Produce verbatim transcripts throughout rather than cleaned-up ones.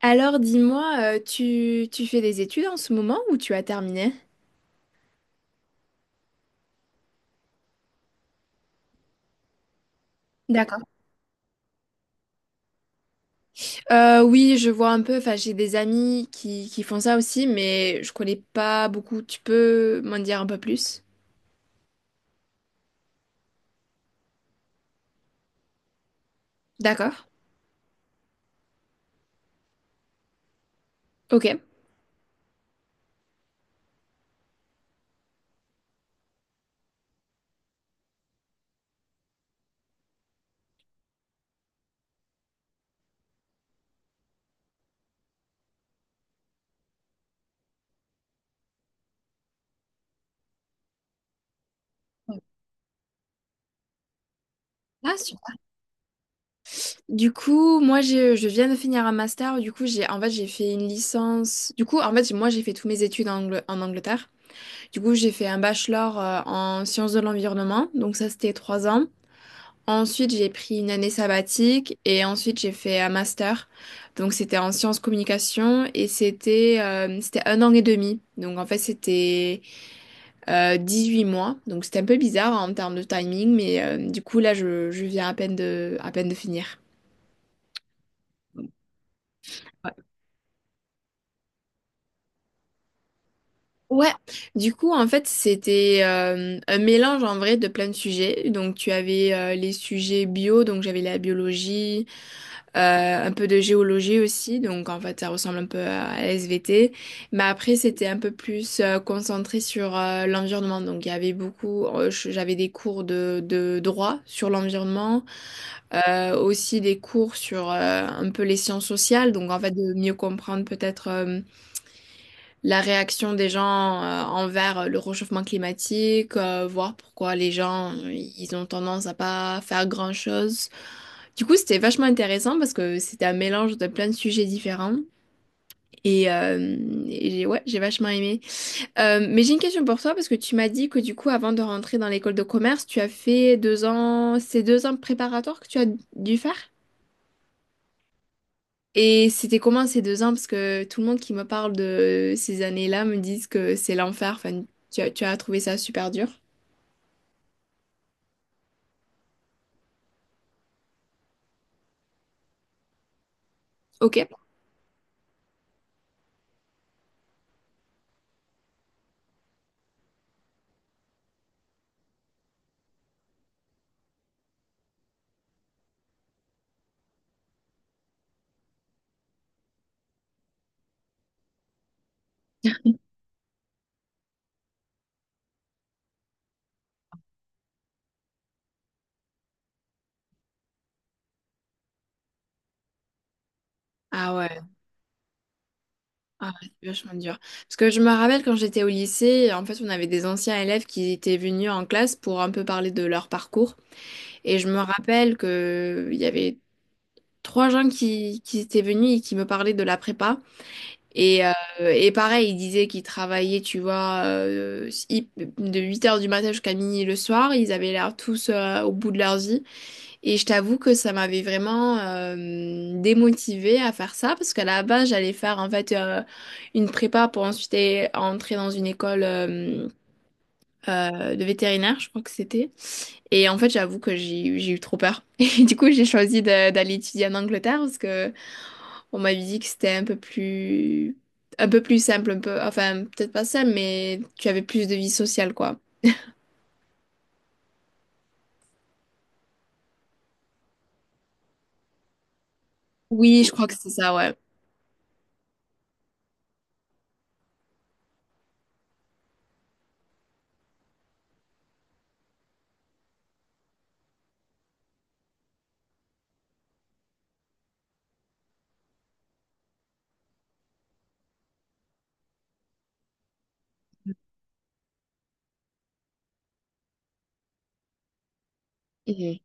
Alors dis-moi, euh, tu, tu fais des études en ce moment ou tu as terminé? D'accord. Euh, oui, je vois un peu, enfin j'ai des amis qui, qui font ça aussi, mais je connais pas beaucoup. Tu peux m'en dire un peu plus? D'accord, ok. Ah, super. Du coup, moi, je, je viens de finir un master. Du coup, j'ai, en fait, j'ai fait une licence. Du coup, en fait, moi, j'ai fait tous mes études en, Angl- en Angleterre. Du coup, j'ai fait un bachelor euh, en sciences de l'environnement. Donc, ça, c'était trois ans. Ensuite, j'ai pris une année sabbatique et ensuite j'ai fait un master. Donc c'était en sciences communication et c'était euh, c'était un an et demi. Donc en fait c'était euh, huit mois. Donc c'était un peu bizarre en termes de timing, mais euh, du coup là je, je viens à peine de à peine de finir. Ouais, du coup en fait c'était euh, un mélange en vrai de plein de sujets. Donc tu avais euh, les sujets bio, donc j'avais la biologie, euh, un peu de géologie aussi, donc en fait ça ressemble un peu à la S V T, mais après c'était un peu plus euh, concentré sur euh, l'environnement, donc il y avait beaucoup, euh, je- j'avais des cours de, de droit sur l'environnement, euh, aussi des cours sur euh, un peu les sciences sociales, donc en fait de mieux comprendre peut-être euh, la réaction des gens euh, envers euh, le réchauffement climatique, euh, voir pourquoi les gens, euh, ils ont tendance à pas faire grand-chose. Du coup, c'était vachement intéressant parce que c'était un mélange de plein de sujets différents. Et, euh, et j'ai, ouais, j'ai vachement aimé. Euh, mais j'ai une question pour toi parce que tu m'as dit que du coup, avant de rentrer dans l'école de commerce, tu as fait deux ans, c'est deux ans préparatoires que tu as dû faire? Et c'était comment ces deux ans? Parce que tout le monde qui me parle de ces années-là me disent que c'est l'enfer. Enfin, tu as, tu as trouvé ça super dur. Ok. Ah ouais. Ah, ouais, c'est vachement dur. Parce que je me rappelle quand j'étais au lycée, en fait, on avait des anciens élèves qui étaient venus en classe pour un peu parler de leur parcours. Et je me rappelle que il y avait trois gens qui, qui étaient venus et qui me parlaient de la prépa. Et, euh, et pareil, il disait qu'ils travaillaient, tu vois, euh, hi- de huit heures du matin jusqu'à minuit le soir. Ils avaient l'air tous euh, au bout de leur vie. Et je t'avoue que ça m'avait vraiment euh, démotivée à faire ça parce qu'à la base, j'allais faire en fait euh, une prépa pour ensuite eh, entrer dans une école euh, euh, de vétérinaire, je crois que c'était. Et en fait, j'avoue que j'ai eu- j'ai eu trop peur. Et du coup, j'ai choisi de- d'aller étudier en Angleterre parce que on m'avait dit que c'était un peu plus, un peu plus simple, un peu, enfin, peut-être pas simple, mais tu avais plus de vie sociale, quoi. Oui, je crois que c'est ça, ouais. Mhm.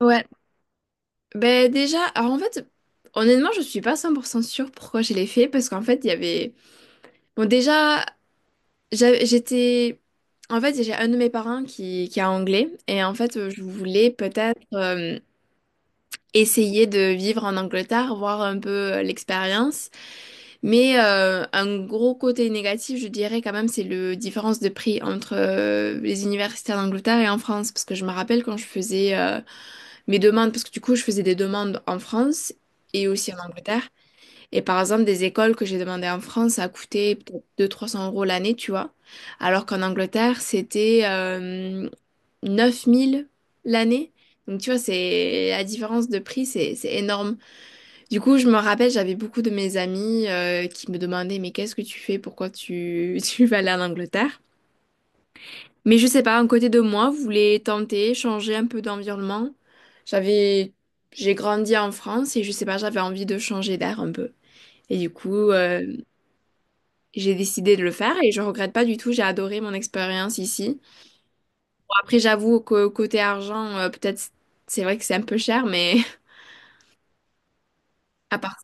Ouais. Ben, déjà, alors en fait, honnêtement, je suis pas cent pour cent sûre pourquoi je l'ai fait, parce qu'en fait, il y avait, bon, déjà, j'a- j'étais, en fait, j'ai un de mes parents qui, qui est anglais, et en fait, euh, je voulais peut-être euh, essayer de vivre en Angleterre, voir un peu euh, l'expérience. Mais euh, un gros côté négatif, je dirais quand même, c'est le différence de prix entre euh, les universitaires d'Angleterre et en France. Parce que je me rappelle quand je faisais euh, mes demandes, parce que du coup, je faisais des demandes en France et aussi en Angleterre. Et par exemple, des écoles que j'ai demandées en France, ça a coûté peut-être deux cents-trois cents euros l'année, tu vois. Alors qu'en Angleterre, c'était euh, neuf mille l'année. Donc, tu vois, c'est la différence de prix, c'est c'est énorme. Du coup, je me rappelle, j'avais beaucoup de mes amis euh, qui me demandaient, mais qu'est-ce que tu fais? Pourquoi tu, tu vas aller en Angleterre? Mais je sais pas, un côté de moi voulait tenter, changer un peu d'environnement. J'avais, j'ai grandi en France et je sais pas, j'avais envie de changer d'air un peu. Et du coup, euh, j'ai décidé de le faire et je regrette pas du tout. J'ai adoré mon expérience ici. Bon, après, j'avoue que côté argent, euh, peut-être c'est vrai que c'est un peu cher, mais à part.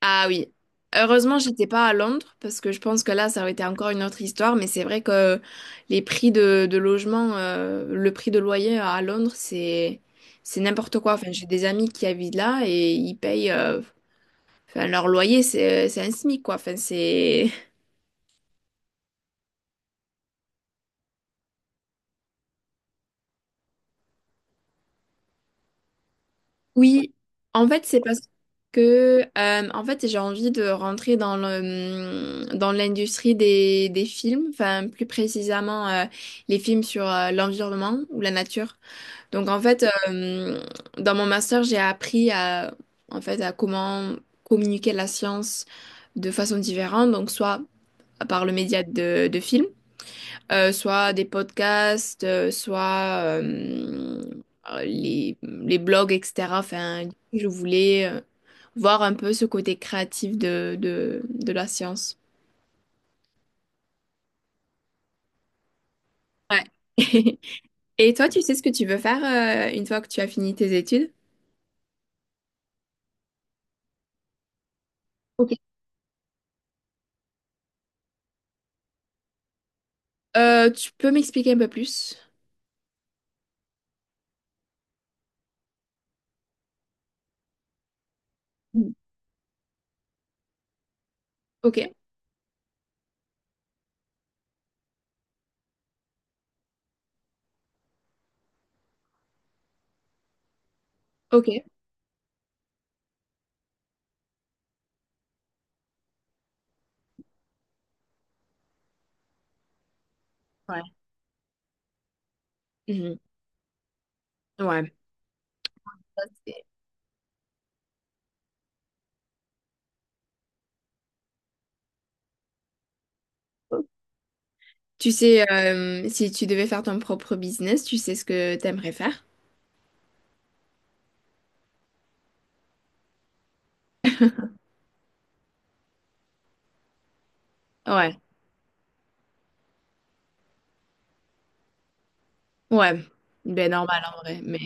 Ah oui. Heureusement, j'étais pas à Londres parce que je pense que là, ça aurait été encore une autre histoire. Mais c'est vrai que les prix de, de logement, euh, le prix de loyer à Londres, c'est c'est n'importe quoi. Enfin, j'ai des amis qui habitent là et ils payent. euh, enfin, leur loyer, c'est c'est un SMIC, quoi. Enfin, c'est. Oui. En fait, c'est parce que euh, en fait, j'ai envie de rentrer dans le hum, dans l'industrie des des films. Enfin, plus précisément, euh, les films sur euh, l'environnement ou la nature. Donc en fait, euh, dans mon master, j'ai appris à, en fait, à comment communiquer la science de façon différente, donc soit par le média de, de films, euh, soit des podcasts, euh, soit euh, euh, les, les blogs, et cetera. Enfin, si je voulais euh, voir un peu ce côté créatif de, de, de la science. Ouais. Et toi, tu sais ce que tu veux faire euh, une fois que tu as fini tes études? Ok. Euh, tu peux m'expliquer un peu plus? Ok, ok. Ouais. Mhm. Ouais. Ça, c'est- Tu sais, euh, si tu devais faire ton propre business, tu sais ce que t'aimerais faire? Ouais. Ouais. Ben normal en vrai. Mais.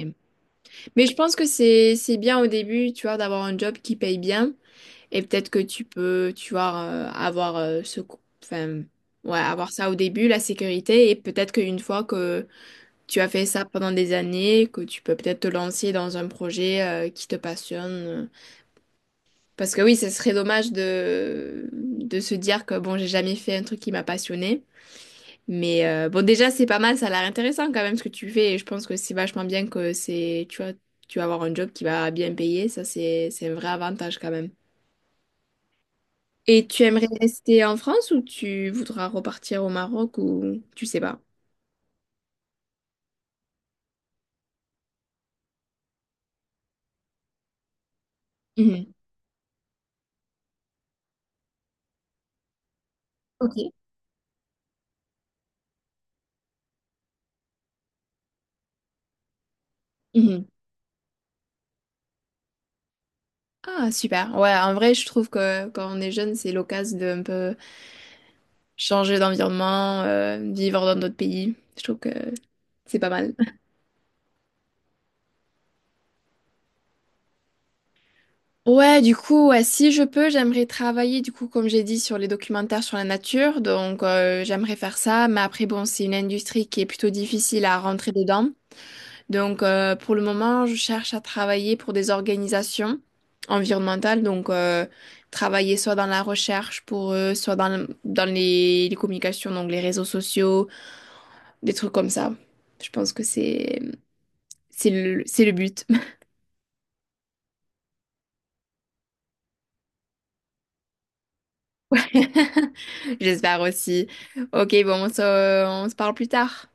Mais je pense que c'est c'est bien au début, tu vois, d'avoir un job qui paye bien et peut-être que tu peux, tu vois, euh, avoir euh, ce co- enfin ouais, avoir ça au début, la sécurité et peut-être qu'une fois que tu as fait ça pendant des années, que tu peux peut-être te lancer dans un projet euh, qui te passionne. euh, Parce que oui, ce serait dommage de, de se dire que bon, j'ai jamais fait un truc qui m'a passionné. Mais euh, bon, déjà, c'est pas mal, ça a l'air intéressant quand même ce que tu fais. Et je pense que c'est vachement bien que c'est, tu vois, tu vas avoir un job qui va bien payer. Ça, c'est, c'est un vrai avantage quand même. Et tu aimerais rester en France ou tu voudras repartir au Maroc ou tu sais pas? Mhm. Ok. Mhm. Ah, super. Ouais, en vrai, je trouve que quand on est jeune, c'est l'occasion de un peu changer d'environnement, euh, vivre dans d'autres pays. Je trouve que c'est pas mal. Ouais, du coup, ouais, si je peux, j'aimerais travailler, du coup, comme j'ai dit, sur les documentaires sur la nature. Donc, euh, j'aimerais faire ça. Mais après, bon, c'est une industrie qui est plutôt difficile à rentrer dedans. Donc, euh, pour le moment, je cherche à travailler pour des organisations environnementales. Donc, euh, travailler soit dans la recherche pour eux, soit dans, le- dans les, les communications, donc les réseaux sociaux, des trucs comme ça. Je pense que c'est, c'est le, c'est le but. J'espère aussi. Ok, bon, on se, on se parle plus tard.